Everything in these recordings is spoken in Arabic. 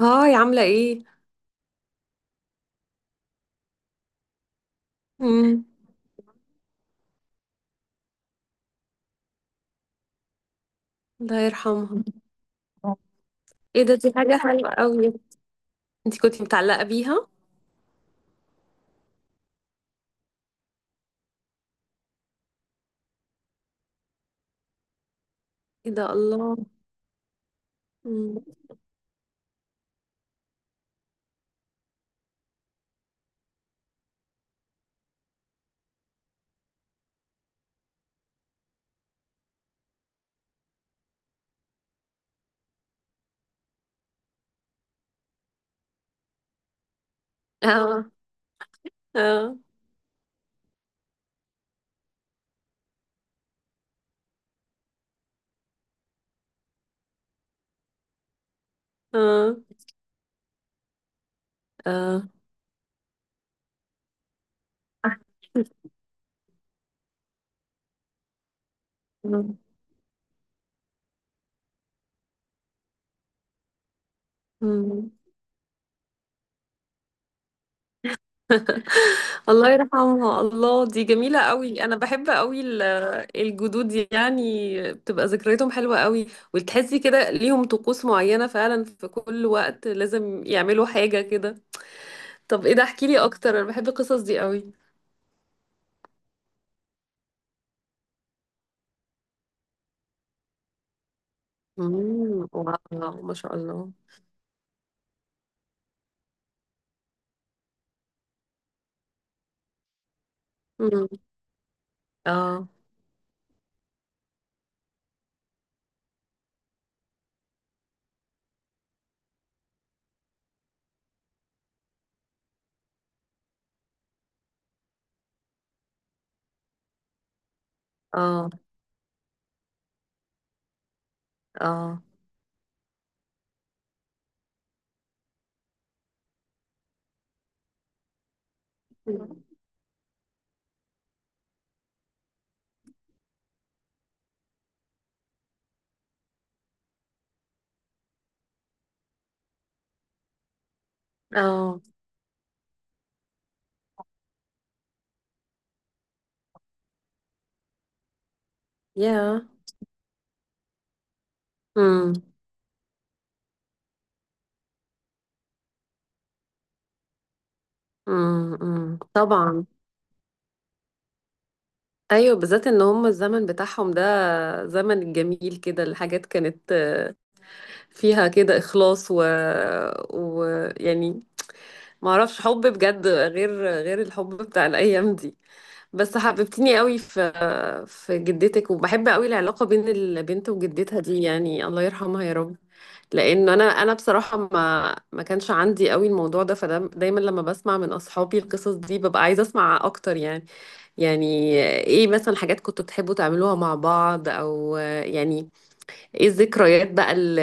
هاي، عاملة ايه؟ امم الله يرحمها. ايه ده، دي حاجة حلوة قوي. انتي كنتي متعلقة بيها؟ ايه ده، الله. مم. اه، اه، اه، اه. مم. مم. الله يرحمها. الله، دي جميلة قوي. انا بحب قوي الجدود دي يعني، بتبقى ذكرياتهم حلوة قوي. وتحسي كده ليهم طقوس معينة فعلا، في كل وقت لازم يعملوا حاجة كده. طب ايه ده، احكيلي اكتر، انا بحب القصص دي قوي. واو، ما شاء الله. امم. اه، اه، اه، اه. يا امم امم، طبعا. ايوه، بالذات ان هم الزمن بتاعهم ده زمن الجميل، كده الحاجات كانت فيها كده اخلاص و يعني ما اعرفش حب بجد غير الحب بتاع الايام دي. بس حببتني قوي في جدتك، وبحب قوي العلاقة بين البنت وجدتها دي، يعني الله يرحمها يا رب. لانه انا بصراحة ما كانش عندي قوي الموضوع ده، فده دايما لما بسمع من اصحابي القصص دي ببقى عايزة اسمع اكتر يعني. يعني ايه مثلا، حاجات كنتوا بتحبوا تعملوها مع بعض، او يعني ايه الذكريات بقى،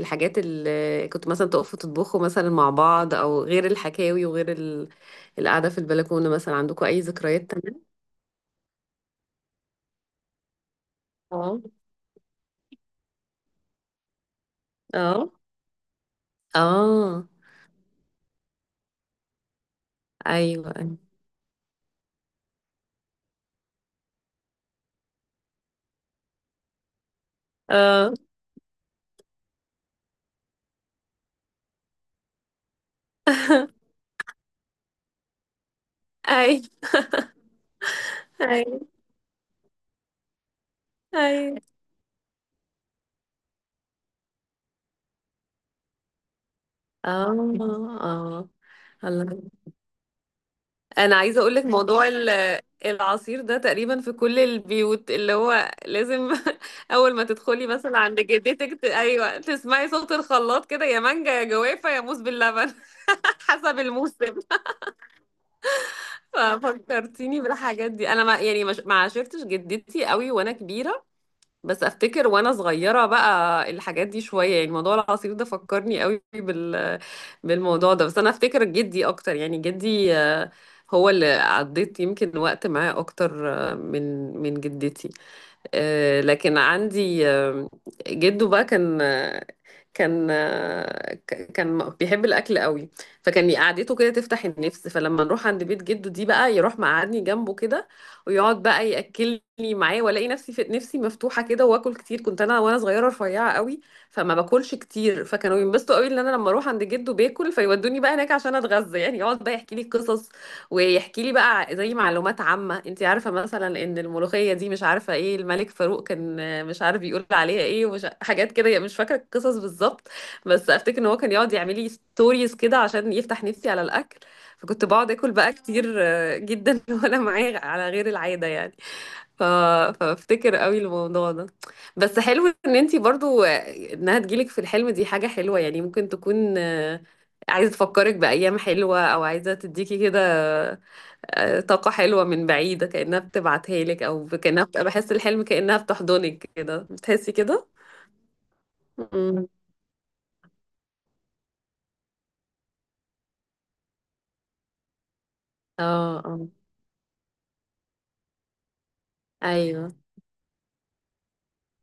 الحاجات اللي كنتوا مثلا تقفوا تطبخوا مثلا مع بعض، او غير الحكاوي وغير القعدة في البلكونة، مثلا عندكم اي ذكريات تانية؟ اه، اه، ايوه. أيوة. اه. ايوه، ايوه، ايوه. اه، اه، الله. انا عايزه اقول لك موضوع العصير ده تقريبا في كل البيوت، اللي هو لازم اول ما تدخلي مثلا عند جدتك ايوه، تسمعي صوت الخلاط كده، يا مانجا يا جوافه يا موز باللبن. حسب الموسم. ففكرتيني بالحاجات دي. انا ما يعني مش- ما عاشرتش جدتي قوي وانا كبيره، بس افتكر وانا صغيره بقى الحاجات دي شويه، يعني موضوع العصير ده فكرني قوي بالموضوع ده. بس انا افتكر جدي اكتر، يعني جدي، هو اللي عديت يمكن وقت معاه اكتر من جدتي. لكن عندي جده بقى، كان كان كان بيحب الاكل قوي. فكان قعدته كده تفتح النفس، فلما نروح عند بيت جده دي بقى يروح مقعدني جنبه كده ويقعد بقى ياكلني معاه، والاقي نفسي، في نفسي مفتوحه كده، واكل كتير. كنت انا وانا صغيره رفيعه قوي، فما باكلش كتير، فكانوا ينبسطوا قوي ان انا لما اروح عند جده باكل، فيودوني بقى هناك عشان اتغذى. يعني يقعد بقى يحكي لي قصص، ويحكي لي بقى زي معلومات عامة. انت عارفة مثلا ان الملوخية دي مش عارفة ايه، الملك فاروق كان مش عارف بيقول عليها ايه، ومش حاجات كده، يعني مش فاكرة القصص بالظبط. بس افتكر ان هو كان يقعد يعمل لي ستوريز كده عشان يفتح نفسي على الاكل. فكنت بقعد اكل بقى كتير جدا، وانا معاه على غير العادة يعني. ف... فافتكر قوي الموضوع ده. بس حلو ان انت برضو، انها تجيلك في الحلم، دي حاجة حلوة. يعني ممكن تكون عايزة تفكرك بأيام حلوة، أو عايزة تديكي كده طاقة حلوة من بعيدة، كأنها بتبعتها لك، أو كأنها بحس الحلم كأنها بتحضنك كده، بتحسي كده؟ مم. اه، اه، أيوه.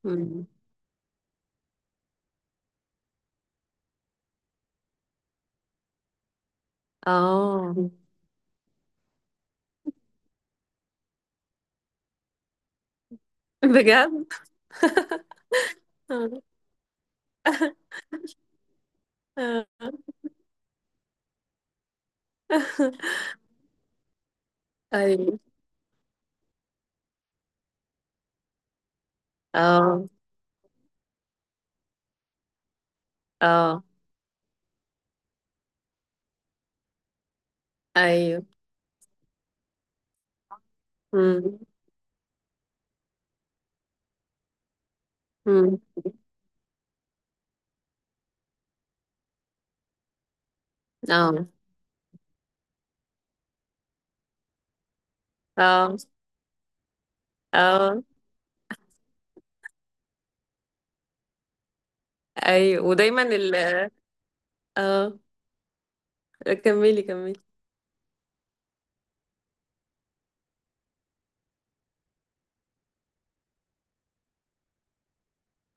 مم. اه. بجد؟ آه. آه. أيوه. اه، اه، أيوه. مم. مم. اه، اه، اه، أيوه. ودايما اه، كملي كملي.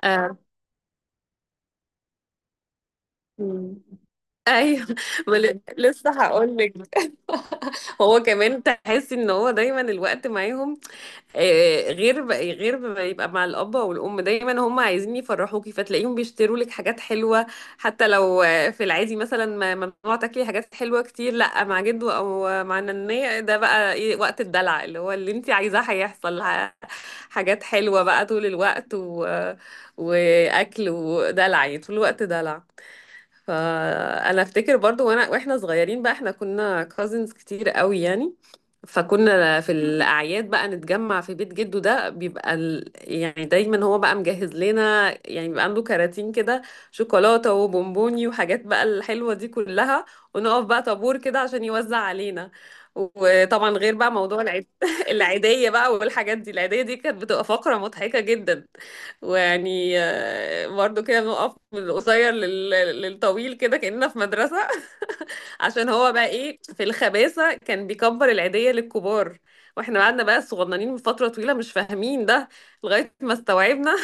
آه. مم. ايوه. ما ل- لسه هقول لك. هو كمان تحس ان هو دايما الوقت معاهم، غير غير ما يبقى مع الاب والام، دايما هم عايزين يفرحوكي، فتلاقيهم بيشتروا لك حاجات حلوه. حتى لو في العادي مثلا ممنوع تاكلي حاجات حلوه كتير، لا مع جدو او مع ننيه ده بقى إيه، وقت الدلع اللي هو اللي انت عايزاه هيحصل. حاجات حلوه بقى طول الوقت واكل ودلع، يعني طول الوقت دلع. فانا افتكر برضو واحنا صغيرين بقى، احنا كنا كازنز كتير قوي يعني. فكنا في الاعياد بقى نتجمع في بيت جده ده، بيبقى يعني دايما هو بقى مجهز لنا، يعني بيبقى عنده كراتين كده شوكولاته وبونبوني وحاجات بقى الحلوه دي كلها، ونقف بقى طابور كده عشان يوزع علينا. وطبعا غير بقى موضوع العيد، العيديه بقى والحاجات دي، العيديه دي كانت بتبقى فقره مضحكه جدا. ويعني برضه كده بنقف من القصير للطويل كده، كأننا في مدرسة. عشان هو بقى ايه في الخباثة، كان بيكبر العيدية للكبار، واحنا قعدنا بقى صغننين من فترة طويلة مش فاهمين ده، لغاية ما استوعبنا.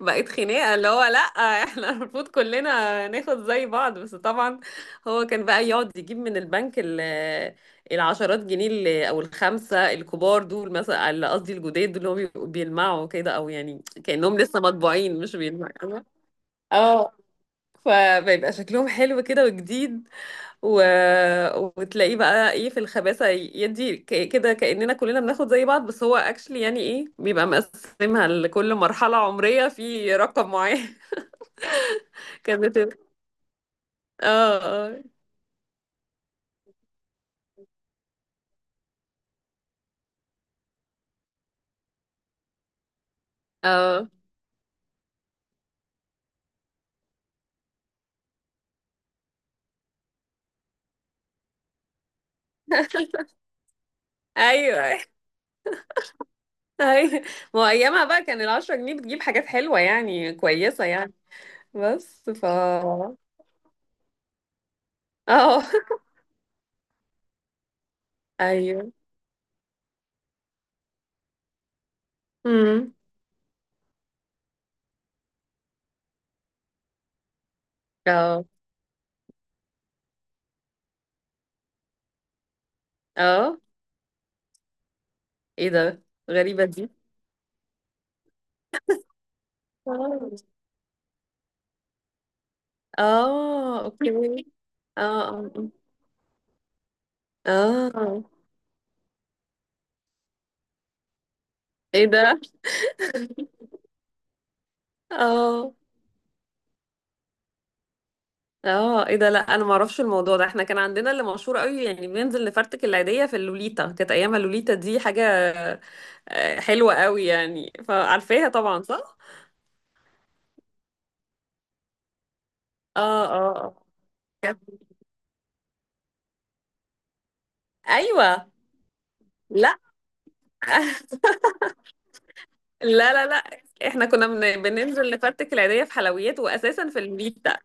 بقت خناقة، اللي هو لأ، احنا المفروض كلنا ناخد زي بعض. بس طبعا هو كان بقى يقعد يجيب من البنك العشرات جنيه او الخمسة الكبار دول، مثلا، اللي قصدي الجداد دول، اللي هم بيبقوا بيلمعوا كده، او يعني كأنهم لسه مطبوعين مش بيلمعوا. اه. فبيبقى شكلهم حلو كده وجديد و... وتلاقيه بقى ايه في الخباثة، يدي كده كأننا كلنا بناخد زي بعض، بس هو اكشلي يعني ايه، بيبقى مقسمها لكل مرحلة عمرية في رقم معين. كانت بتبقى. اه، اه، اه، ايوه. ايوه، ما هو ايامها بقى كان 10 جنيه بتجيب حاجات حلوة يعني، كويسة يعني. بس ف اه ايوه. امم. اه، اه، ايه ده، غريبة دي. اه. اوكي. اه، اه. آه. آه. ايه ده. اه، اه، ايه ده، لا انا ما اعرفش الموضوع ده. احنا كان عندنا اللي مشهور قوي، يعني بننزل نفرتك العيدية في اللوليتا، كانت ايامها اللوليتا دي حاجة حلوة قوي يعني. فعارفاها طبعا، صح؟ اه، اه. آه. كانت- ايوه. لا. لا، لا، لا، احنا كنا بننزل نفرتك العيدية في حلويات، واساسا في اللوليتا.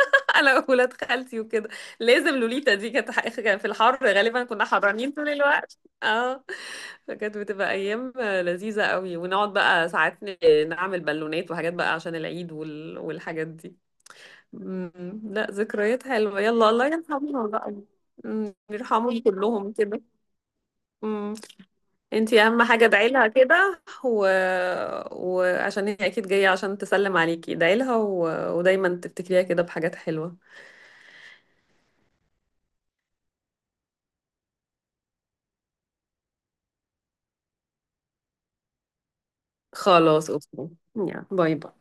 انا وولاد خالتي وكده، لازم لوليتا دي. كانت كان في الحر غالبا، كنا حرانين طول الوقت. اه. فكانت بتبقى ايام لذيذة قوي، ونقعد بقى ساعات نعمل بالونات وحاجات بقى عشان العيد والحاجات دي. مم. لا، ذكريات حلوة. يلا، الله يرحمهم بقى. مم. يرحمهم كلهم كده. مم. انتي اهم حاجة ادعيلها كده وعشان هي اكيد جاية عشان تسلم عليكي، ادعيلها ودايما تفتكريها كده بحاجات حلوة. خلاص، اوكي، يلا، باي باي.